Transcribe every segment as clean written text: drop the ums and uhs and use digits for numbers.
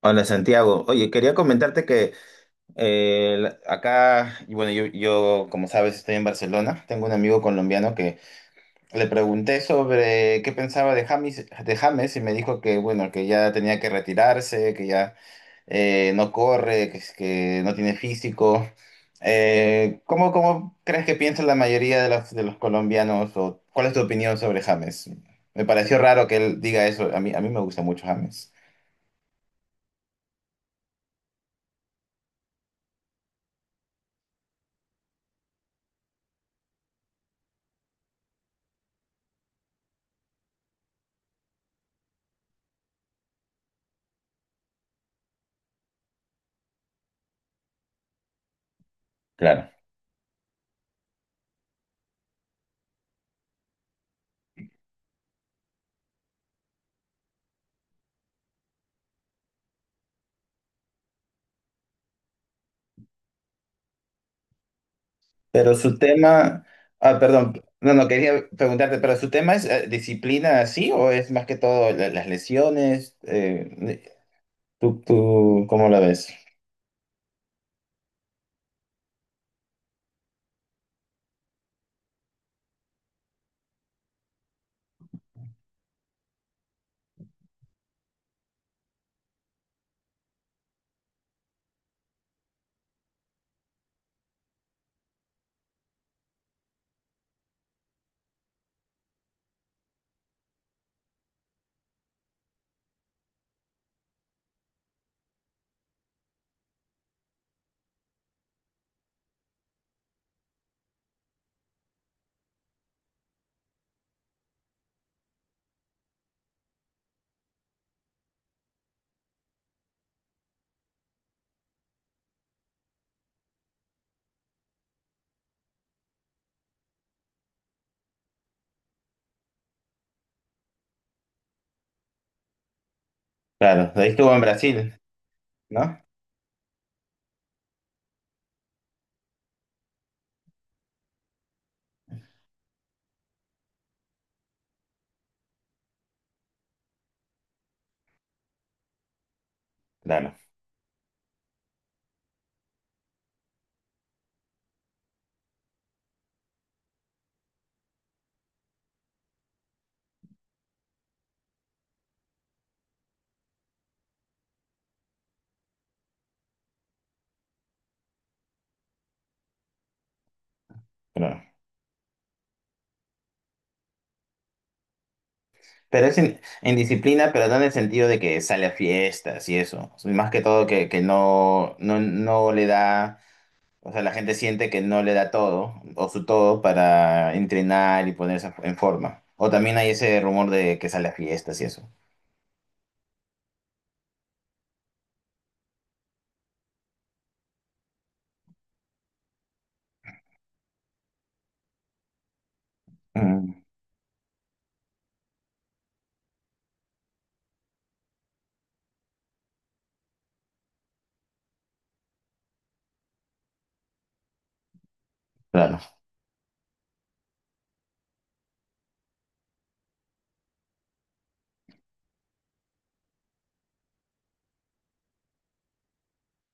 Hola Santiago, oye, quería comentarte que acá, y bueno, yo como sabes estoy en Barcelona, tengo un amigo colombiano que le pregunté sobre qué pensaba de James y me dijo que bueno, que ya tenía que retirarse, que ya no corre, que no tiene físico. Cómo crees que piensa la mayoría de de los colombianos o cuál es tu opinión sobre James? Me pareció raro que él diga eso, a mí me gusta mucho James. Claro. Pero su tema, ah, perdón, no, no quería preguntarte, pero su tema es disciplina así o es más que todo las lesiones, tú, ¿cómo la ves? Claro, ahí estuvo en Brasil, ¿no? Claro, claro. Pero es en disciplina, pero no en el sentido de que sale a fiestas y eso. Más que todo que no, no le da, o sea, la gente siente que no le da todo o su todo para entrenar y ponerse en forma. O también hay ese rumor de que sale a fiestas y eso. Mm, claro,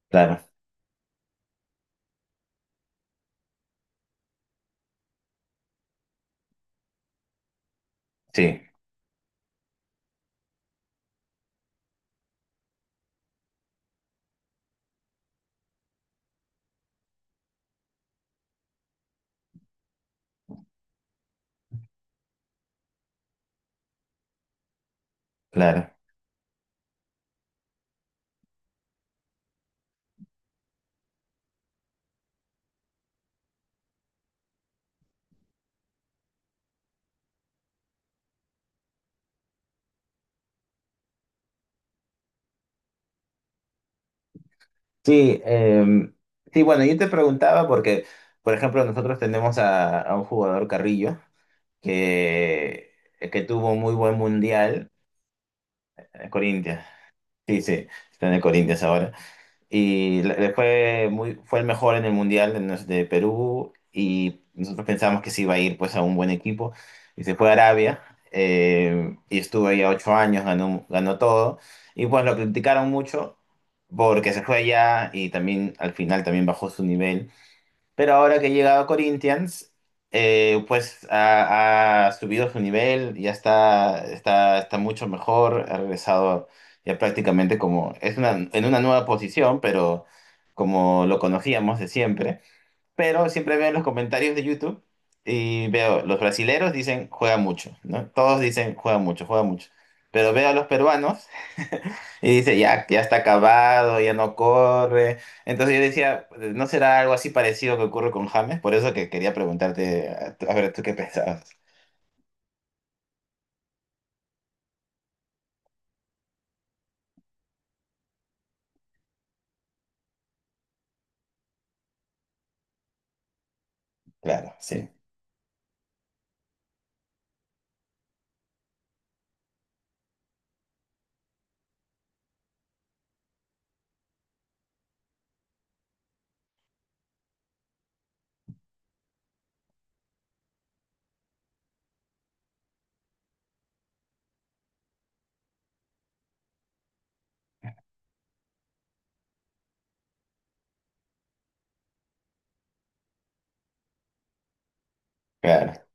claro, sí, claro. Sí, sí, bueno, yo te preguntaba porque, por ejemplo, nosotros tenemos a un jugador Carrillo que, que tuvo un muy buen mundial, Corinthians. Sí, sí, está en el Corinthians ahora. Y le fue muy, fue el mejor en el Mundial de, de Perú y nosotros pensábamos que se iba a ir pues a un buen equipo. Y se fue a Arabia y estuvo ahí a ocho años, ganó, ganó todo. Y pues lo criticaron mucho porque se fue allá y también al final también bajó su nivel. Pero ahora que ha llegado a Corinthians, pues ha, ha subido su nivel, ya está, está, está mucho mejor, ha regresado ya prácticamente como, es una, en una nueva posición, pero como lo conocíamos de siempre pero siempre veo en los comentarios de YouTube y veo, los brasileros dicen juega mucho, ¿no? Todos dicen juega mucho, juega mucho. Pero veo a los peruanos y dice ya, ya está acabado, ya no corre. Entonces yo decía, ¿no será algo así parecido que ocurre con James? Por eso que quería preguntarte, a ver, ¿tú qué pensabas? Claro, sí, claro,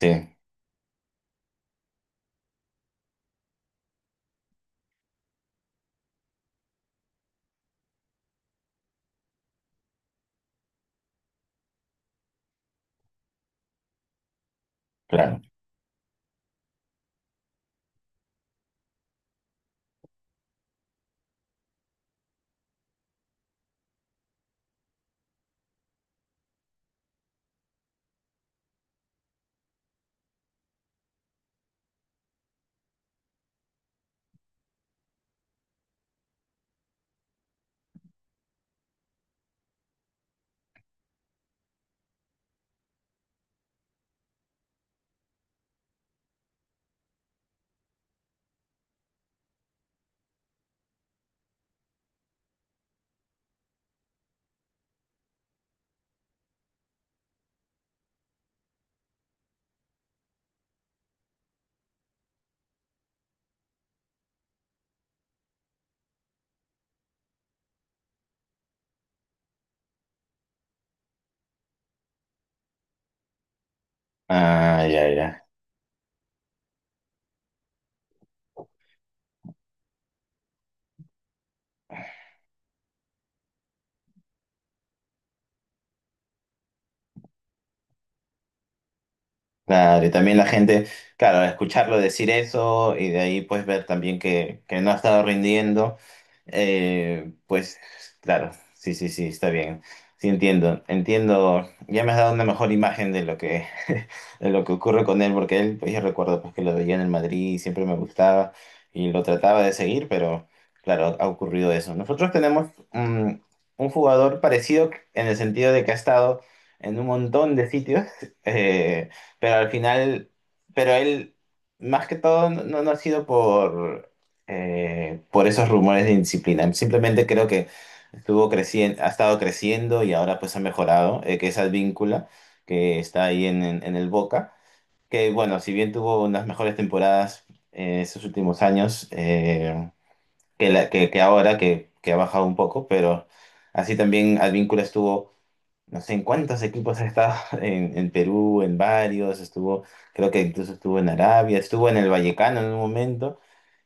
sí, claro. Ah, ya, ya. Claro, y también la gente, claro, escucharlo decir eso y de ahí pues ver también que no ha estado rindiendo, pues claro, sí, sí, sí, está bien, sí entiendo, entiendo, ya me has dado una mejor imagen de lo que, de lo que ocurre con él, porque él, pues yo recuerdo pues que lo veía en el Madrid y siempre me gustaba y lo trataba de seguir, pero claro, ha ocurrido eso. Nosotros tenemos mm, un jugador parecido en el sentido de que ha estado en un montón de sitios. eh, pero al final, pero él, más que todo, no, no ha sido por esos rumores de indisciplina. Simplemente creo que estuvo creciendo, ha estado creciendo y ahora pues ha mejorado, que es víncula que está ahí en, en el Boca. Que bueno, si bien tuvo unas mejores temporadas en estos últimos años, que ahora, que ha bajado un poco, pero así también Advíncula estuvo no sé en cuántos equipos ha estado, en Perú, en varios, estuvo, creo que incluso estuvo en Arabia, estuvo en el Vallecano en un momento,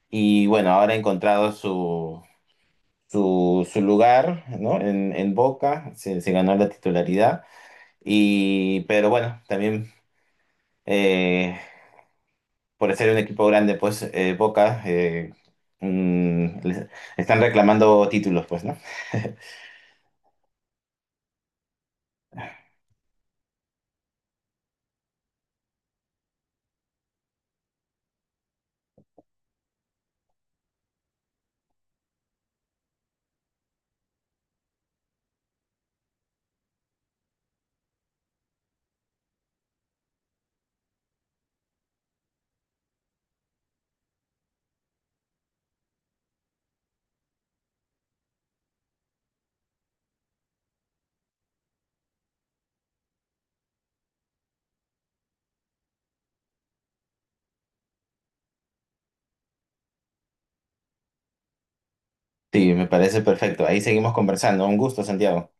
y bueno, ahora ha encontrado su, su, su lugar, ¿no? En Boca, se ganó la titularidad, y, pero bueno, también eh, por ser un equipo grande, pues Boca... mm, les- están reclamando títulos, pues, ¿no? Sí, me parece perfecto. Ahí seguimos conversando. Un gusto, Santiago.